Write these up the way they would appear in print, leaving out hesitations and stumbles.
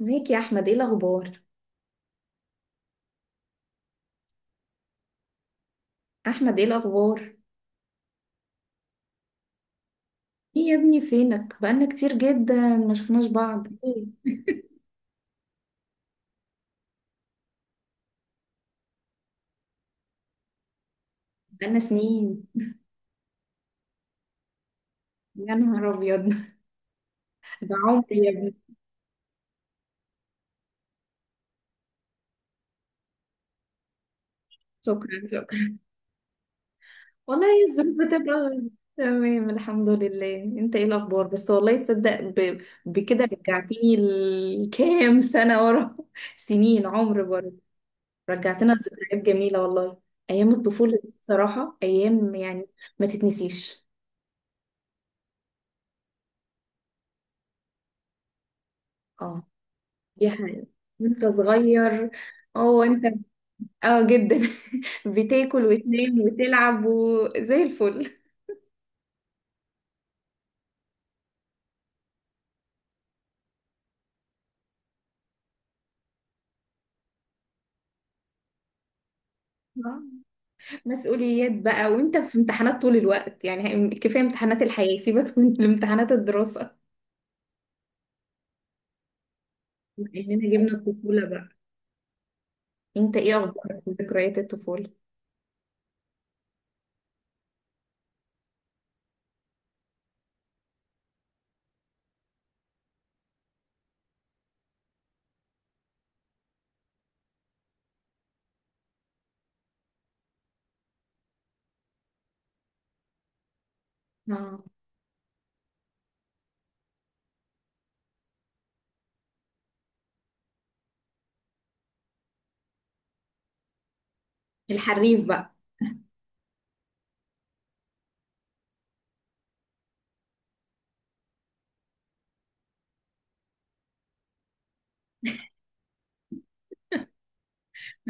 ازيك يا احمد، ايه الاخبار؟ احمد، ايه الاخبار؟ ايه يا ابني، فينك؟ بقالنا كتير جدا ما شفناش بعض، ايه؟ بقالنا سنين. يا نهار ابيض. ده عمري يا ابني. شكرا، شكرا. والله هي الظروف بتبقى. تمام الحمد لله. انت ايه الاخبار؟ بس والله صدق، بكده رجعتيني لكام سنه ورا. سنين عمر برضه. رجعتنا لذكريات جميله والله. ايام الطفوله دي بصراحه ايام يعني. ما تتنسيش. اه، دي حقيقة. وانت صغير. اه، انت. اه جدا. بتاكل وتنام وتلعب وزي الفل. آه. مسؤوليات بقى، وانت في امتحانات طول الوقت، يعني كفاية امتحانات الحياة، سيبك من امتحانات الدراسة. بما اننا جبنا الطفولة بقى، انت ايه اخبارك في ذكريات الطفولة؟ اه، الحريف بقى.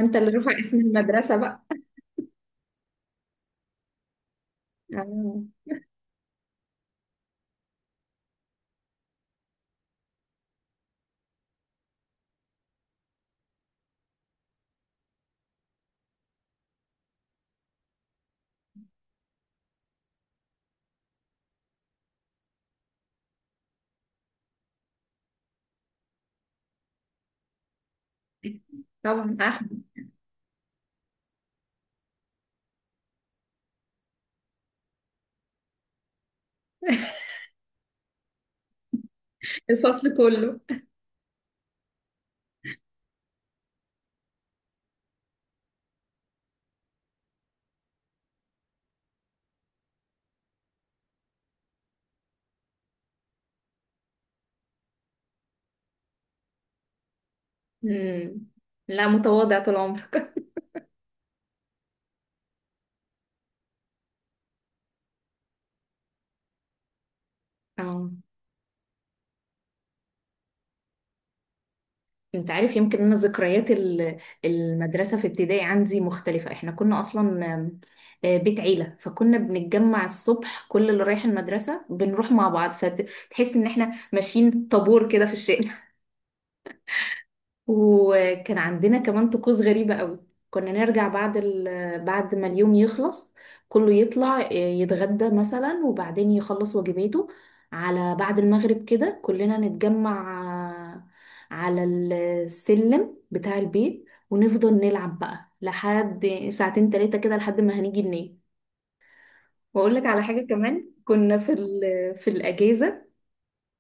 انت اللي رفع اسم المدرسة بقى. اه طبعا احمد. الفصل كله. مم. لا، متواضع طول عمرك. اه، انت عارف، يمكن انا ذكريات المدرسه في ابتدائي عندي مختلفه. احنا كنا اصلا آم، آه، بيت عيله، فكنا بنتجمع الصبح، كل اللي رايح المدرسه بنروح مع بعض، فتحس ان احنا ماشيين طابور كده في الشارع. وكان عندنا كمان طقوس غريبة قوي. كنا نرجع بعد ما اليوم يخلص، كله يطلع يتغدى مثلا، وبعدين يخلص واجباته. على بعد المغرب كده كلنا نتجمع على السلم بتاع البيت، ونفضل نلعب بقى لحد ساعتين تلاتة كده، لحد ما هنيجي ننام. واقول لك على حاجة كمان كنا في الأجازة.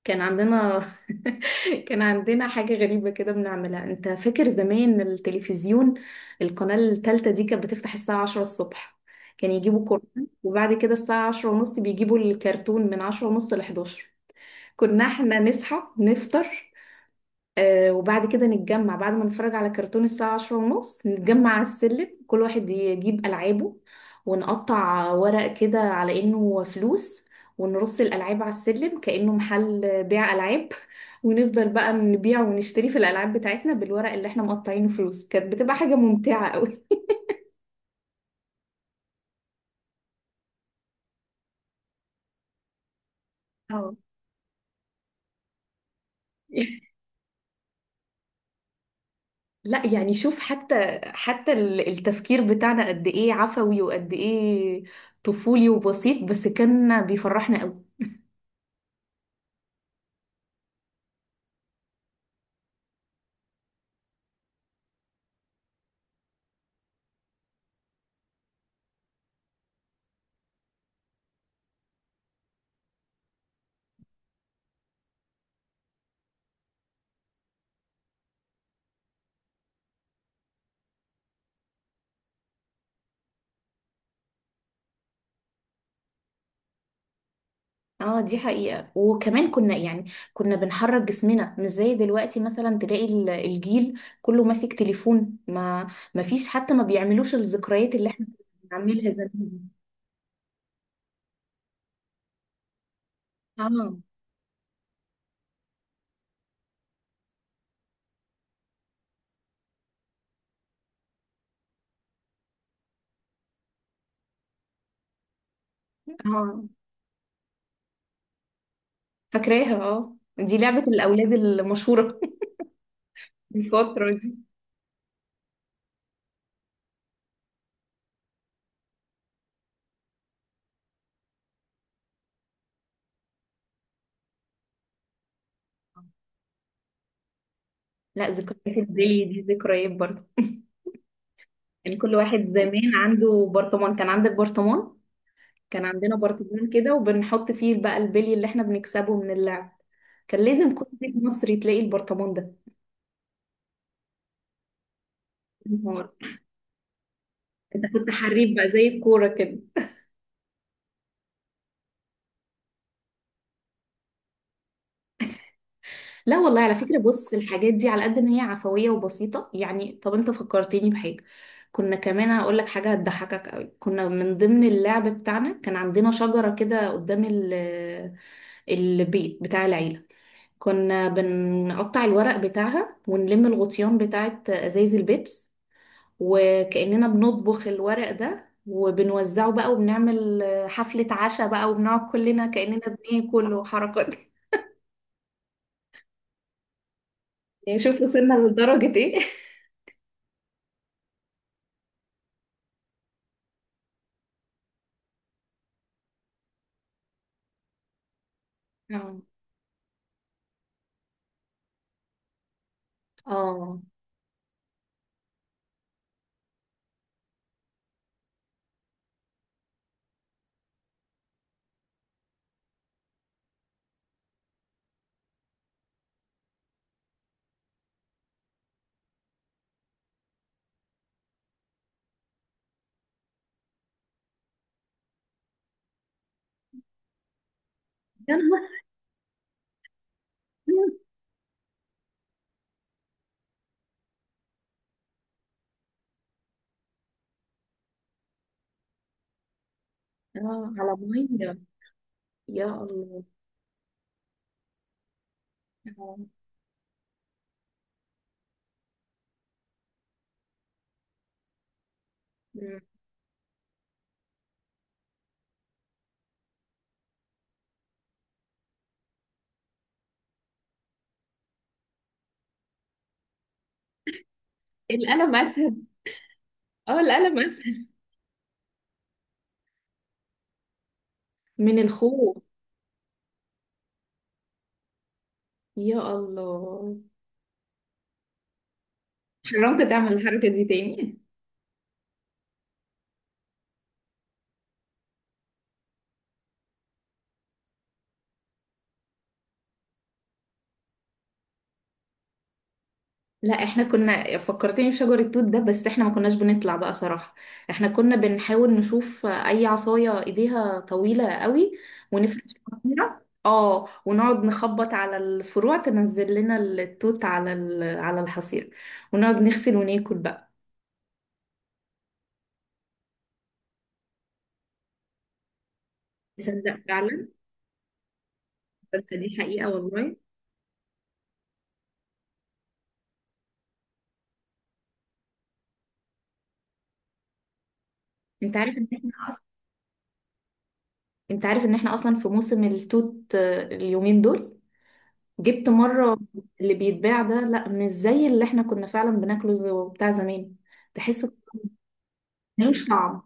كان عندنا كان عندنا حاجة غريبة كده بنعملها. انت فاكر زمان التلفزيون؟ القناة التالتة دي كانت بتفتح الساعة 10 الصبح. كان يجيبوا قرآن، وبعد كده الساعة 10:30 بيجيبوا الكرتون، من 10:30 11. كنا احنا نصحى نفطر، وبعد كده نتجمع بعد ما نتفرج على كرتون الساعة 10:30. نتجمع على السلم، كل واحد يجيب ألعابه، ونقطع ورق كده على إنه فلوس، ونرص الألعاب على السلم كأنه محل بيع ألعاب. ونفضل بقى نبيع ونشتري في الألعاب بتاعتنا بالورق اللي احنا مقطعينه فلوس. كانت بتبقى حاجة ممتعة قوي. اه. لا يعني شوف، حتى التفكير بتاعنا قد ايه عفوي وقد ايه طفولي وبسيط، بس كان بيفرحنا قوي. اه دي حقيقة. وكمان كنا يعني، كنا بنحرك جسمنا مش زي دلوقتي، مثلا تلاقي الجيل كله ماسك تليفون. ما فيش حتى، ما بيعملوش الذكريات اللي احنا كنا بنعملها زمان. اه، اه. فاكراها. اه، دي لعبة الأولاد المشهورة. في الفترة دي. لا، ذكريات البلي دي ذكريات برضه. يعني كل واحد زمان عنده برطمان. كان عندك برطمان؟ كان عندنا برطمان كده، وبنحط فيه بقى البلي اللي احنا بنكسبه من اللعب. كان لازم كل بيت مصري تلاقي البرطمان ده. نهار. انت كنت حريف بقى زي الكوره كده. لا والله، على فكره بص، الحاجات دي على قد ما هي عفويه وبسيطه، يعني طب انت فكرتني بحاجه. كنا كمان هقول لك حاجه هتضحكك قوي. كنا من ضمن اللعب بتاعنا كان عندنا شجره كده قدام البيت بتاع العيله. كنا بنقطع الورق بتاعها، ونلم الغطيان بتاعت ازايز البيبس، وكأننا بنطبخ الورق ده وبنوزعه بقى، وبنعمل حفلة عشاء بقى، وبنقعد كلنا كأننا بناكل وحركات. يعني شوف وصلنا لدرجة ايه. اه. اه، يا نهار أبيض. اه، على مية. يا الله. آه. مم. القلم اسهل. اه، القلم اسهل. من الخوف. يا الله. حرمت تعمل الحركة دي تاني؟ لا، احنا كنا فكرتني بشجر التوت ده، بس احنا ما كناش بنطلع بقى صراحة. احنا كنا بنحاول نشوف اي عصاية ايديها طويلة قوي، ونفرش فيها. اه، ونقعد نخبط على الفروع تنزل لنا التوت على الحصير، ونقعد نغسل وناكل بقى. تصدق فعلا، تصدق دي حقيقة والله. انت عارف ان احنا اصلا انت عارف ان احنا اصلا في موسم التوت، اليومين دول. جبت مرة. اللي بيتباع ده لا، مش زي اللي احنا كنا فعلا بناكله، بتاع زمان. تحس ملوش طعم.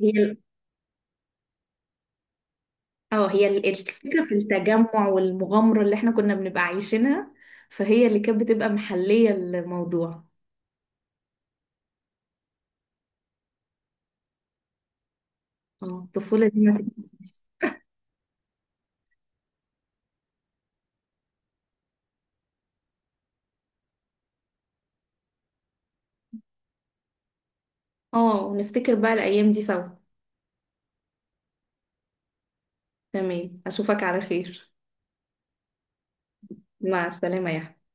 هي ال- اه هي ال- الفكرة في التجمع والمغامرة اللي احنا كنا بنبقى عايشينها، فهي اللي كانت بتبقى محلية الموضوع. اه، الطفولة دي ما تت- اه، ونفتكر بقى الأيام دي سوا. تمام، أشوفك على خير. مع السلامة يا